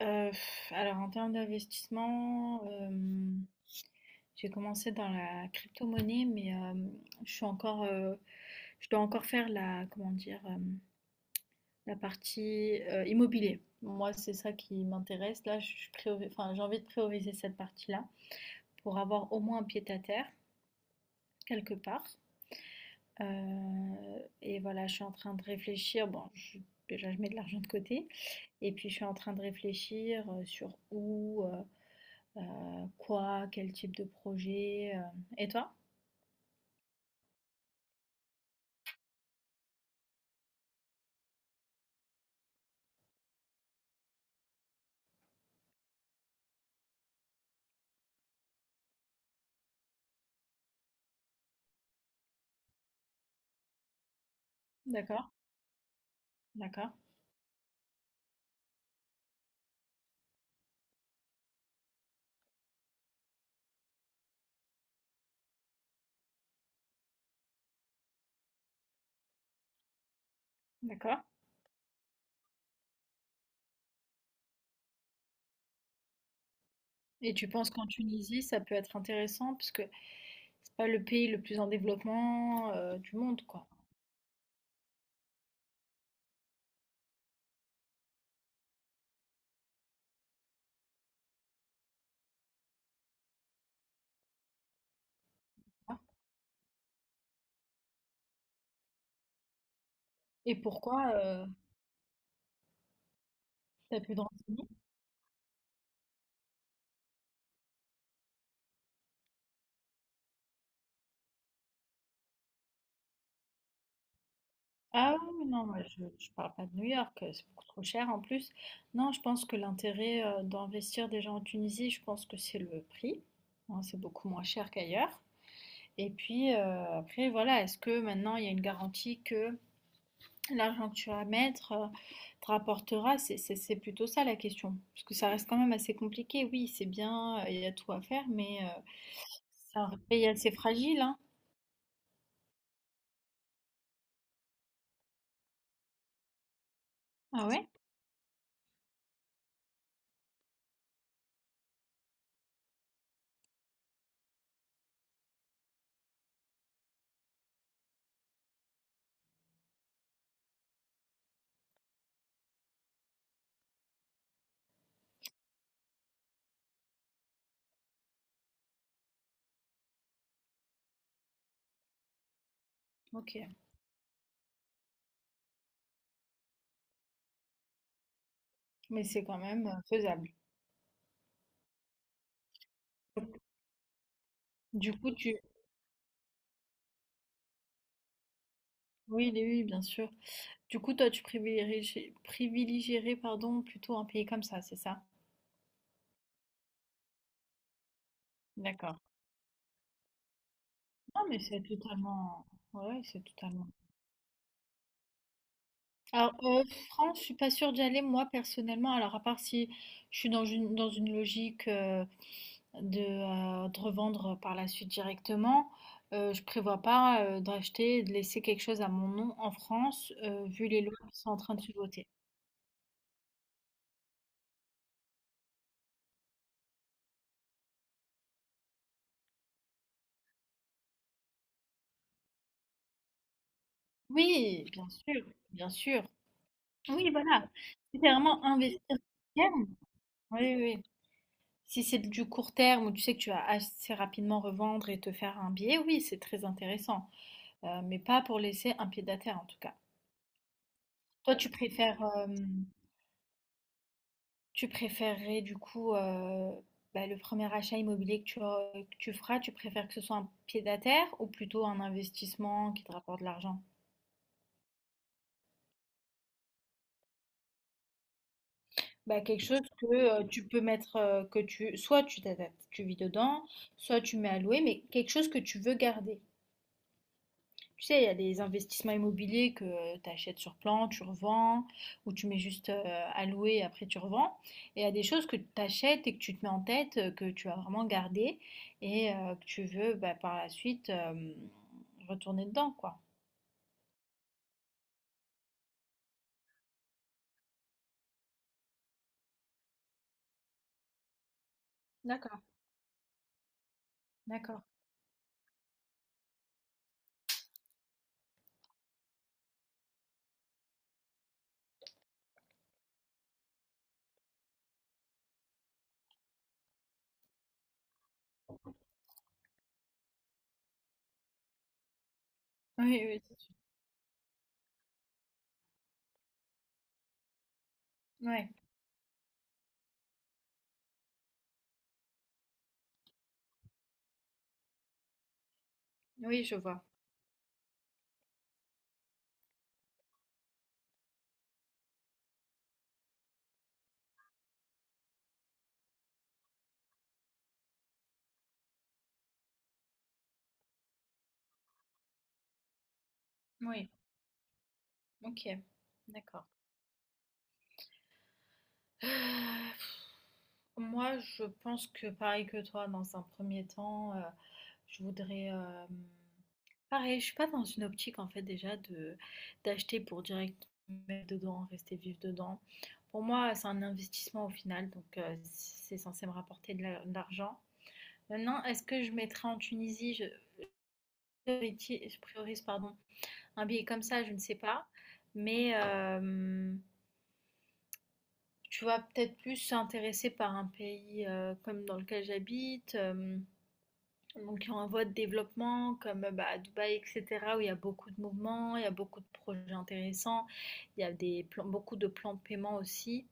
Heu, alors en termes d'investissement, j'ai commencé dans la crypto-monnaie, mais, je suis encore, je dois encore faire la comment dire? La partie, immobilier. Moi, c'est ça qui m'intéresse. Là, j'ai envie de prioriser cette partie-là pour avoir au moins un pied-à-terre quelque part. Et voilà, je suis en train de réfléchir. Bon, je déjà je mets de l'argent de côté et puis je suis en train de réfléchir, sur où, quoi? Quel type de projet? Et toi? D'accord, d'accord, d'accord, et tu penses qu'en Tunisie, ça peut être intéressant? Parce que c'est pas le pays le plus en développement, du monde, quoi, hein. Et pourquoi, tu as pu te renseigner? Ah oui, oui, non, moi je parle pas de New York, c'est beaucoup trop cher en plus. Non, je pense que l'intérêt, d'investir déjà en Tunisie, je pense que c'est le prix, hein, c'est beaucoup moins cher qu'ailleurs, et puis, après voilà, est-ce que maintenant il y a une garantie que l'argent que tu vas mettre te rapportera, c'est plutôt ça la question. Parce que ça reste quand même assez compliqué. Oui, c'est bien, il y a tout à faire, mais c'est un pays assez fragile, hein. Ah ouais? Ok. Mais c'est quand même faisable. Du coup, tu... Oui, oui, oui, bien sûr. Du coup, toi, tu privilégierais, plutôt un pays comme ça, c'est ça? D'accord. Non, mais c'est totalement... Ouais, c'est totalement... Alors, France, je suis pas sûre d'y aller moi personnellement. Alors, à part si je suis dans une logique de, de revendre par la suite directement, je prévois pas d'acheter, et de laisser quelque chose à mon nom en France, vu les lois qui sont en train de se voter. Oui, bien sûr, bien sûr. Oui, voilà. C'est vraiment investir à terme. Oui, oui. Si c'est du court terme où tu sais que tu vas assez rapidement revendre et te faire un billet, oui, c'est très intéressant. Mais pas pour laisser un pied à terre en tout cas. Toi, tu préfères, tu préférerais du coup bah, le premier achat immobilier que tu feras, tu préfères que ce soit un pied-à-terre ou plutôt un investissement qui te rapporte de l'argent? Bah, quelque chose que tu peux mettre, que tu, soit tu t'adaptes, tu vis dedans, soit tu mets à louer, mais quelque chose que tu veux garder. Tu sais, il y a des investissements immobiliers que tu achètes sur plan, tu revends, ou tu mets juste à louer et après tu revends. Et il y a des choses que tu achètes et que tu te mets en tête, que tu vas vraiment garder et que tu veux bah, par la suite retourner dedans, quoi. D'accord, d'accord. Oui, oui, c'est sûr. Ouais, oui, je vois. Oui, ok, d'accord. Moi, je pense que pareil que toi, dans un premier temps, je voudrais, pareil, je suis pas dans une optique en fait déjà de d'acheter pour direct mettre dedans, rester vivre dedans. Pour moi, c'est un investissement au final, donc si, c'est censé me rapporter de la de l'argent. Maintenant, est-ce que je mettrais en Tunisie? Je prioriti je priorise, pardon, un billet comme ça, je ne sais pas. Mais hem, tu vas peut-être plus s'intéresser par un pays, comme dans lequel j'habite, hem donc, en voie de développement, comme bah, à Dubaï, etc., où il y a beaucoup de mouvements, il y a beaucoup de projets intéressants, il y a beaucoup de plans de paiement aussi,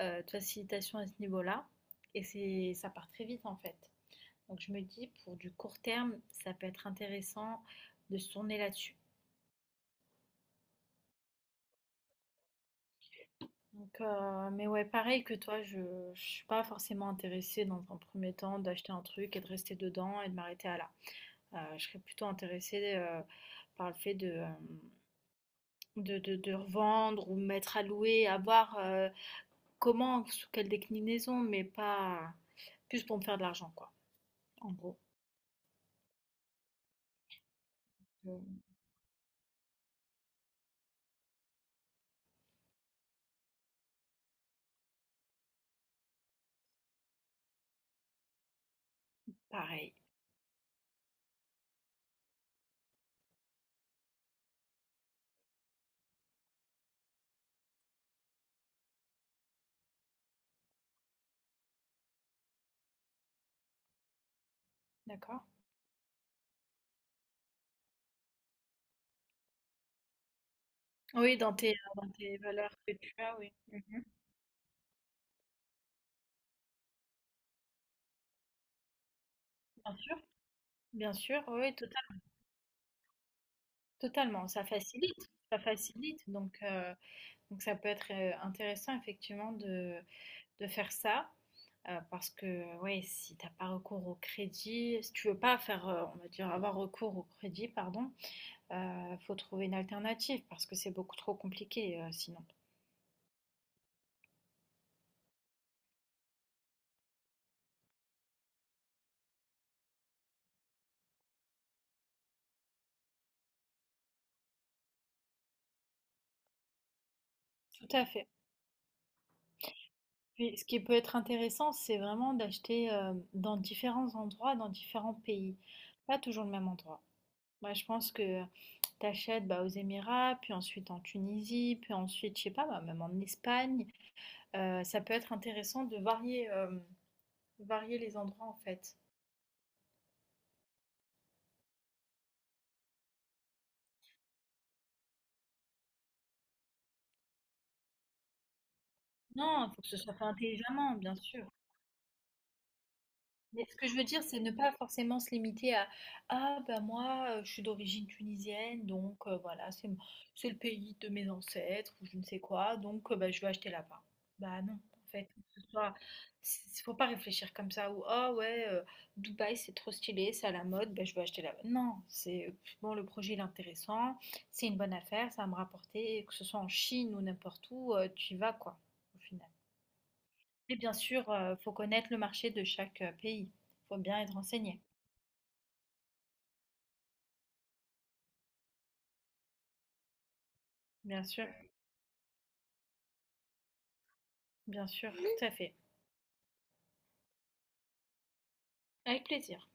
de facilitation à ce niveau-là. Et c'est, ça part très vite en fait. Donc, je me dis, pour du court terme, ça peut être intéressant de se tourner là-dessus. Donc, mais ouais, pareil que toi, je ne suis pas forcément intéressée dans un premier temps d'acheter un truc et de rester dedans et de m'arrêter à là. Je serais plutôt intéressée par le fait de. De revendre ou mettre à louer, à voir, comment, sous quelle déclinaison, mais pas plus pour me faire de l'argent quoi, en gros. Mmh, pareil. D'accord. Oui, dans tes valeurs que tu as, oui. Mmh. Bien sûr, bien sûr, oui, oui, totalement. Ça facilite donc ça peut être, intéressant effectivement de faire ça, parce que ouais, si t'as pas recours au crédit, si tu veux pas faire, on va dire avoir recours au crédit, pardon, faut trouver une alternative parce que c'est beaucoup trop compliqué, sinon. Tout à fait. Puis ce qui peut être intéressant, c'est vraiment d'acheter, dans différents endroits, dans différents pays, pas toujours le même endroit. Moi, je pense que tu achètes, bah, aux Émirats, puis ensuite en Tunisie, puis ensuite, je sais pas, bah, même en Espagne. Ça peut être intéressant de varier, varier les endroits, en fait. Non, il faut que ce soit fait intelligemment, bien sûr. Mais ce que je veux dire, c'est ne pas forcément se limiter à ah ben moi je suis d'origine tunisienne donc voilà c'est le pays de mes ancêtres ou je ne sais quoi donc bah, je vais acheter là-bas. Bah non en fait que ce soit faut pas réfléchir comme ça ou ah ouais Dubaï c'est trop stylé c'est à la mode bah, je vais acheter là-bas. Non c'est bon le projet il est intéressant c'est une bonne affaire ça va me rapporter que ce soit en Chine ou n'importe où tu y vas quoi au final. Et bien sûr, faut connaître le marché de chaque, pays. Faut bien être renseigné. Bien sûr, bien sûr, tout à fait. Avec plaisir.